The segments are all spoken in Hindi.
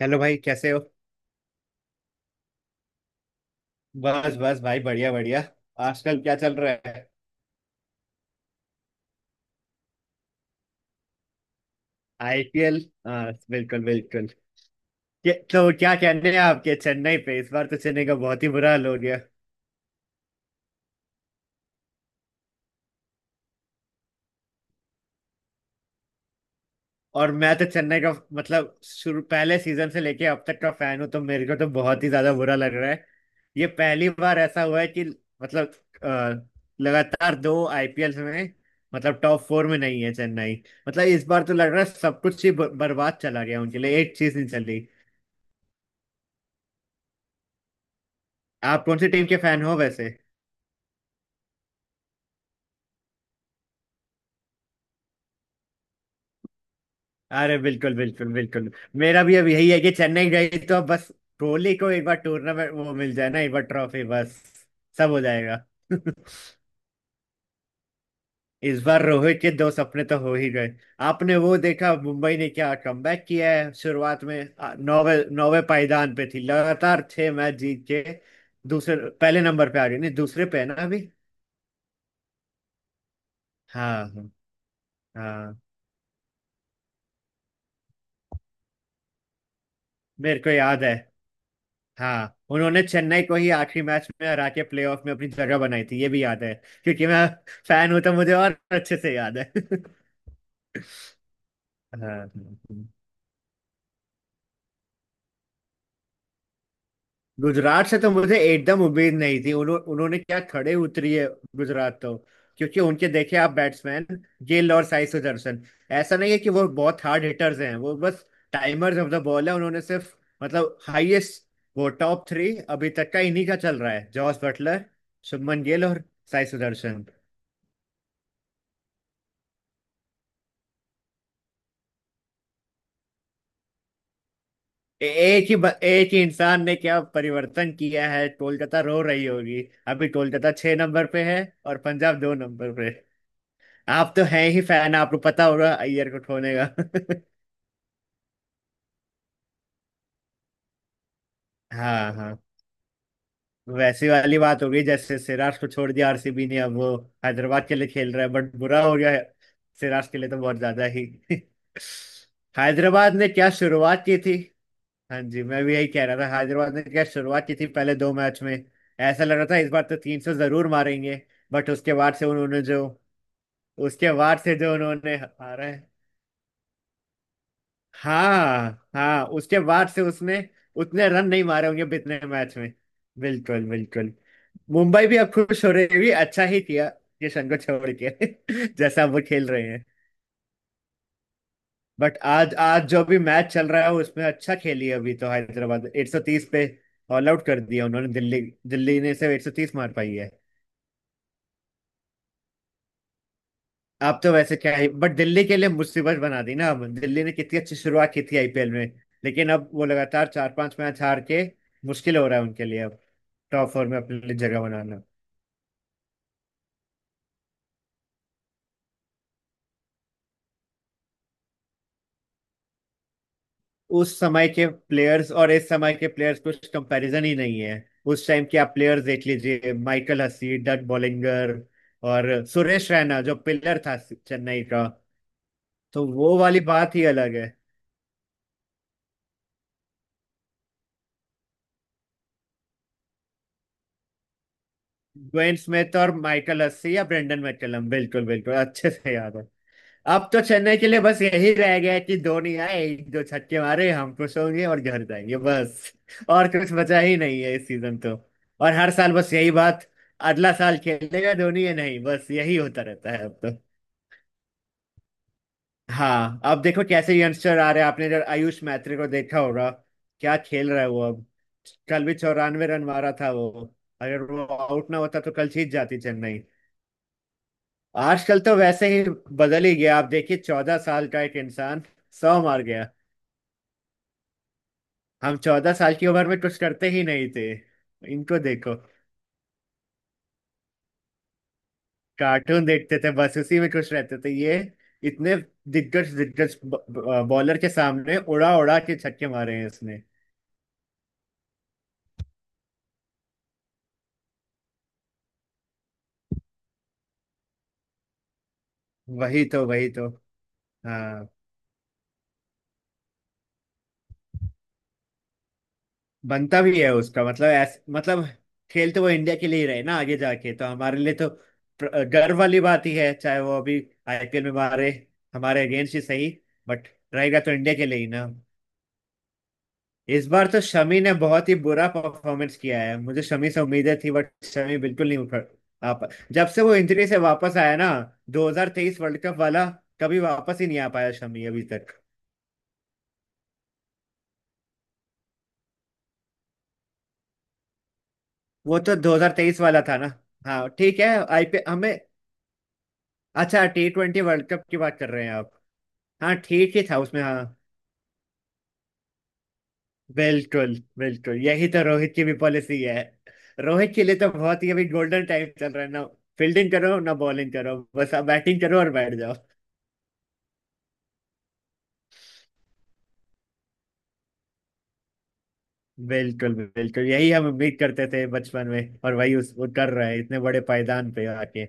हेलो भाई कैसे हो। बस बस भाई बढ़िया बढ़िया। आजकल क्या चल रहा है। आईपीएल हाँ बिल्कुल बिल्कुल। तो क्या कहने हैं आपके चेन्नई पे। इस बार तो चेन्नई का बहुत ही बुरा हाल हो गया। और मैं तो चेन्नई का मतलब शुरू पहले सीजन से लेके अब तक का फैन हूँ, तो मेरे को तो बहुत ही ज्यादा बुरा लग रहा है। ये पहली बार ऐसा हुआ है कि मतलब अ, लगातार दो आईपीएल में मतलब टॉप फोर में नहीं है चेन्नई। मतलब इस बार तो लग रहा है सब कुछ ही बर्बाद चला गया, उनके लिए एक चीज नहीं चली। आप कौन सी टीम के फैन हो वैसे। अरे बिल्कुल बिल्कुल बिल्कुल। मेरा भी अब यही है कि चेन्नई गई तो अब बस कोहली को एक बार टूर्नामेंट वो मिल जाए ना, एक बार ट्रॉफी बस सब हो जाएगा। इस बार रोहित के दो सपने तो हो ही गए। आपने वो देखा मुंबई ने क्या कमबैक किया है, शुरुआत में नौवे नौवे पायदान पे थी, लगातार 6 मैच जीत के दूसरे पहले नंबर पे आ गई। नहीं दूसरे पे है ना अभी। हाँ हाँ। हाँ, मेरे को याद है। हाँ उन्होंने चेन्नई को ही आखिरी मैच में हरा के प्लेऑफ में अपनी जगह बनाई थी, ये भी याद है। क्योंकि मैं फैन हूं तो मुझे और अच्छे से याद है। हाँ। गुजरात से तो मुझे एकदम उम्मीद नहीं थी, उन्होंने क्या खड़े उतरी है। गुजरात तो क्योंकि उनके देखे आप बैट्समैन गिल और साई सुदर्शन। ऐसा नहीं है कि वो बहुत हार्ड हिटर्स हैं, वो बस टाइमर्स ऑफ द बॉल है, उन्होंने सिर्फ मतलब हाईएस्ट वो टॉप थ्री अभी तक का इन्हीं का चल रहा है, जॉस बटलर, शुभमन गिल और साई सुदर्शन। एक ही एक ही इंसान ने क्या परिवर्तन किया है, कोलकाता रो रही होगी। अभी कोलकाता 6 नंबर पे है और पंजाब 2 नंबर पे। आप तो हैं ही फैन, आपको पता होगा अय्यर को खोने का। हाँ हाँ। वैसी वाली बात हो गई जैसे सिराज को छोड़ दिया आरसीबी ने, अब वो हैदराबाद के लिए खेल रहा है बट बुरा हो गया है, सिराज के लिए तो बहुत ज्यादा ही। हैदराबाद ने क्या शुरुआत की थी। हाँ जी मैं भी यही कह रहा था, हैदराबाद ने क्या शुरुआत की थी पहले दो मैच में। ऐसा लग रहा था इस बार तो 300 जरूर मारेंगे। बट उसके बाद से उन्होंने जो, उसके बाद से जो उन्होंने हारा है। हाँ हाँ उसके बाद से उसने उतने रन नहीं मारे होंगे कितने मैच में। बिल्कुल बिल्कुल। मुंबई भी अब खुश हो रही है, भी अच्छा ही किया किशन को छोड़ के। जैसा वो खेल रहे हैं। बट आज आज जो भी मैच चल रहा है उसमें अच्छा खेली, अभी तो हैदराबाद 130 पे ऑल आउट कर दिया उन्होंने दिल्ली। दिल्ली ने सिर्फ 130 मार पाई है। आप तो वैसे क्या है बट दिल्ली के लिए मुसीबत बना दी ना, अब दिल्ली ने कितनी अच्छी शुरुआत की थी आईपीएल में, लेकिन अब वो लगातार 4-5 मैच हार के मुश्किल हो रहा है उनके लिए टॉप फोर में अपने लिए जगह बनाना। उस समय के प्लेयर्स और इस समय के प्लेयर्स कुछ कंपैरिजन ही नहीं है। उस टाइम के आप प्लेयर्स देख लीजिए, माइकल हसी, डट बॉलिंगर और सुरेश रैना जो पिलर था चेन्नई का, तो वो वाली बात ही अलग है। ग्वेन स्मिथ और माइकल हसी या ब्रेंडन मैकलम, बिल्कुल बिल्कुल अच्छे से याद है। अब तो चेन्नई के लिए बस यही रह गया है कि धोनी आए, एक दो छक्के मारे, हम खुश होंगे और घर जाएंगे बस। और कुछ बचा ही नहीं है इस सीजन तो। और हर साल बस यही बात, अगला साल खेलेगा धोनी या नहीं, बस यही होता रहता है अब तो। हाँ अब देखो कैसे यंगस्टर आ रहे हैं, आपने जब आयुष मैत्री को देखा होगा, क्या खेल रहा है वो। अब कल भी 94 रन मारा था वो, अगर वो आउट ना होता तो कल जीत जाती चेन्नई। आजकल तो वैसे ही बदल ही गया, आप देखिए 14 साल का एक इंसान 100 मार गया। हम 14 साल की उम्र में कुछ करते ही नहीं थे, इनको देखो। कार्टून देखते थे बस, उसी में खुश रहते थे, ये इतने दिग्गज दिग्गज बॉलर के सामने उड़ा उड़ा के छक्के मारे हैं इसने। वही तो वही तो। हाँ बनता भी है उसका मतलब मतलब खेल तो वो इंडिया के लिए ही रहे ना आगे जाके, तो हमारे लिए तो गर्व वाली बात ही है, चाहे वो अभी आईपीएल में मारे हमारे अगेंस्ट ही सही, बट रहेगा तो इंडिया के लिए ही ना। इस बार तो शमी ने बहुत ही बुरा परफॉर्मेंस किया है, मुझे शमी से उम्मीदें थी बट शमी बिल्कुल नहीं उठ आ पा, जब से वो इंजरी से वापस आया ना, 2023 वर्ल्ड कप वाला, कभी वापस ही नहीं आ पाया शमी अभी तक। वो तो 2023 वाला था ना। हाँ ठीक है आईपीएल हमें। अच्छा टी ट्वेंटी वर्ल्ड कप की बात कर रहे हैं आप। हाँ ठीक ही था उसमें हाँ। बिल्कुल बिल्कुल, यही तो रोहित की भी पॉलिसी है। रोहित के लिए तो बहुत ही अभी गोल्डन टाइम चल रहा है ना, फील्डिंग करो ना बॉलिंग करो, बस आप बैटिंग करो और बैठ जाओ। बिल्कुल बिल्कुल, यही हम उम्मीद करते थे बचपन में, और वही उस वो कर रहे हैं इतने बड़े पायदान पे आके।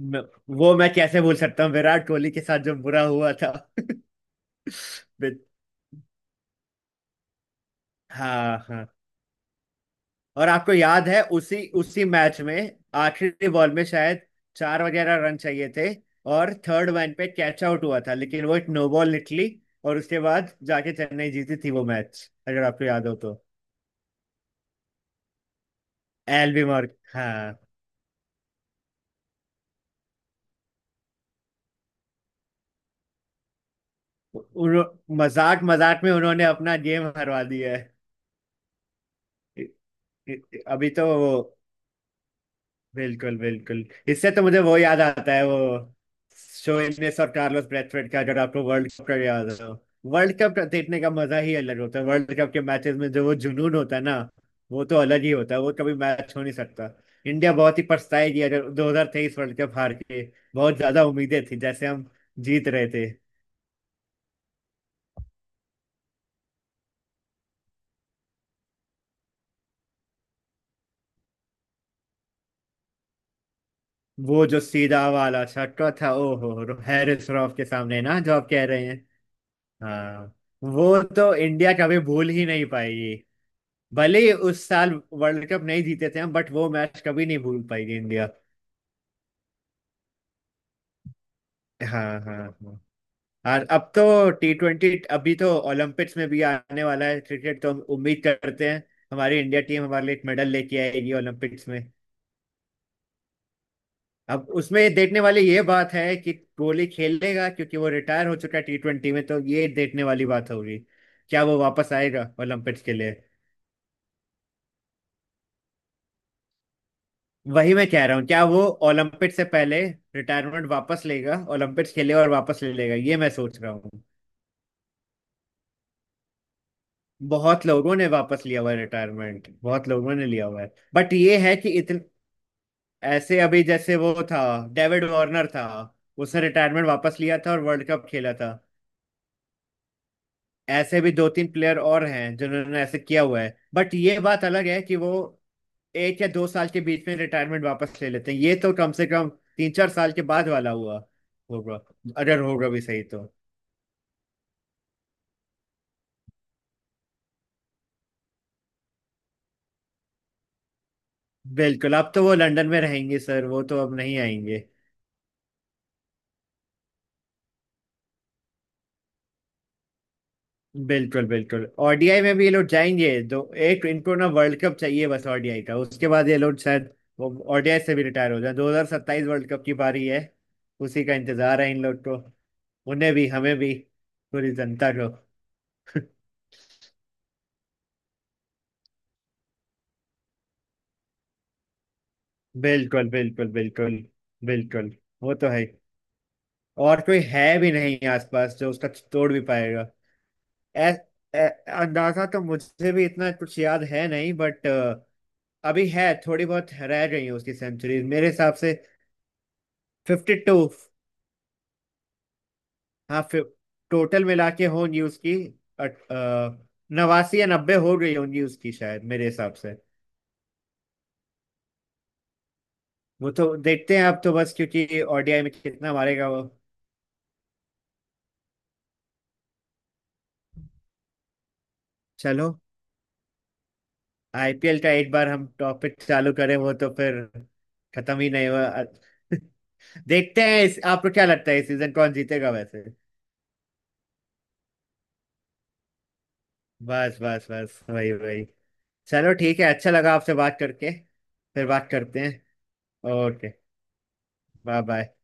म- वो मैं कैसे भूल सकता हूँ, विराट कोहली के साथ जो बुरा हुआ था। बि- हाँ हाँ। और आपको याद है उसी उसी मैच में आखिरी बॉल में शायद चार वगैरह रन चाहिए थे, और थर्ड मैन पे कैच आउट हुआ था, लेकिन वो एक नो बॉल निकली, और उसके बाद जाके चेन्नई जीती थी वो मैच, अगर आपको याद हो तो। एल बी मार्क हाँ। उन्हों- मजाक मजाक में उन्होंने अपना गेम हरवा दिया है। इ- अभी तो वो बिल्कुल बिल्कुल। इससे तो मुझे वो याद आता है, वो शो इनेस और कार्लोस ब्रैथवेट का, अगर आपको वर्ल्ड कप का याद हो। वर्ल्ड कप देखने का मजा ही अलग होता है, वर्ल्ड कप के मैचेस में जो वो जुनून होता है ना, वो तो अलग ही होता है, वो कभी मैच हो नहीं सकता। इंडिया बहुत ही पछताएगी अगर 2023 वर्ल्ड कप हार के, बहुत ज्यादा उम्मीदें थी जैसे हम जीत रहे थे। वो जो सीधा वाला छक्का था ओहो, हैरिस रॉफ के सामने ना जो आप कह रहे हैं। हाँ। वो तो इंडिया कभी भूल ही नहीं पाएगी, भले ही उस साल वर्ल्ड कप नहीं जीते थे हम, बट वो मैच कभी नहीं भूल पाएगी इंडिया। हाँ हाँ हाँ। और अब तो टी ट्वेंटी अभी तो ओलंपिक्स में भी आने वाला है क्रिकेट, तो हम उम्मीद करते हैं हमारी इंडिया टीम हमारे लिए एक मेडल लेके आएगी ओलंपिक्स में। अब उसमें देखने वाली ये बात है कि कोहली खेलेगा, क्योंकि वो रिटायर हो चुका है टी ट्वेंटी में, तो ये देखने वाली बात होगी क्या वो वापस आएगा ओलंपिक्स के लिए। वही मैं कह रहा हूँ क्या वो ओलंपिक से पहले रिटायरमेंट वापस लेगा, ओलंपिक्स खेलेगा और वापस ले लेगा, ये मैं सोच रहा हूँ। बहुत लोगों ने वापस लिया हुआ है रिटायरमेंट, बहुत लोगों ने लिया हुआ है, बट ये है कि इतने ऐसे अभी, जैसे वो था डेविड वार्नर था, उसने रिटायरमेंट वापस लिया था और वर्ल्ड कप खेला था। ऐसे भी दो तीन प्लेयर और हैं जिन्होंने ऐसे किया हुआ है, बट ये बात अलग है कि वो एक या दो साल के बीच में रिटायरमेंट वापस ले लेते हैं, ये तो कम से कम 3-4 साल के बाद वाला हुआ होगा अगर होगा भी सही तो। बिल्कुल अब तो वो लंदन में रहेंगे सर, वो तो अब नहीं आएंगे। बिल्कुल बिल्कुल, ओडीआई में भी ये लोग जाएंगे दो, एक इनको ना वर्ल्ड कप चाहिए बस ओडीआई का, उसके बाद ये लोग शायद ओडीआई से भी रिटायर हो जाए, 2027 वर्ल्ड कप की बारी है, उसी का इंतजार है इन लोग को, उन्हें भी हमें भी पूरी जनता को। बिल्कुल बिल्कुल बिल्कुल बिल्कुल। वो तो है ही। और कोई है भी नहीं आसपास जो उसका तोड़ भी पाएगा। ऐ, ऐ, अंदाजा तो मुझे भी इतना कुछ याद है नहीं, बट अभी है थोड़ी बहुत रह गई है उसकी सेंचुरीज मेरे हिसाब से। 52 हाँ टोटल मिला के होंगी उसकी। अट- अ, 89 या 90 हो गई होंगी उसकी शायद मेरे हिसाब से। वो तो देखते हैं, आप तो बस क्योंकि ओडीआई में कितना मारेगा वो। चलो आईपीएल का एक बार हम टॉपिक चालू करें वो तो फिर खत्म ही नहीं हुआ। देखते हैं इस, आपको क्या लगता है इस सीजन कौन जीतेगा वैसे। बस बस बस वही वही। चलो ठीक है, अच्छा लगा आपसे बात करके। फिर बात करते हैं। Okay, bye bye.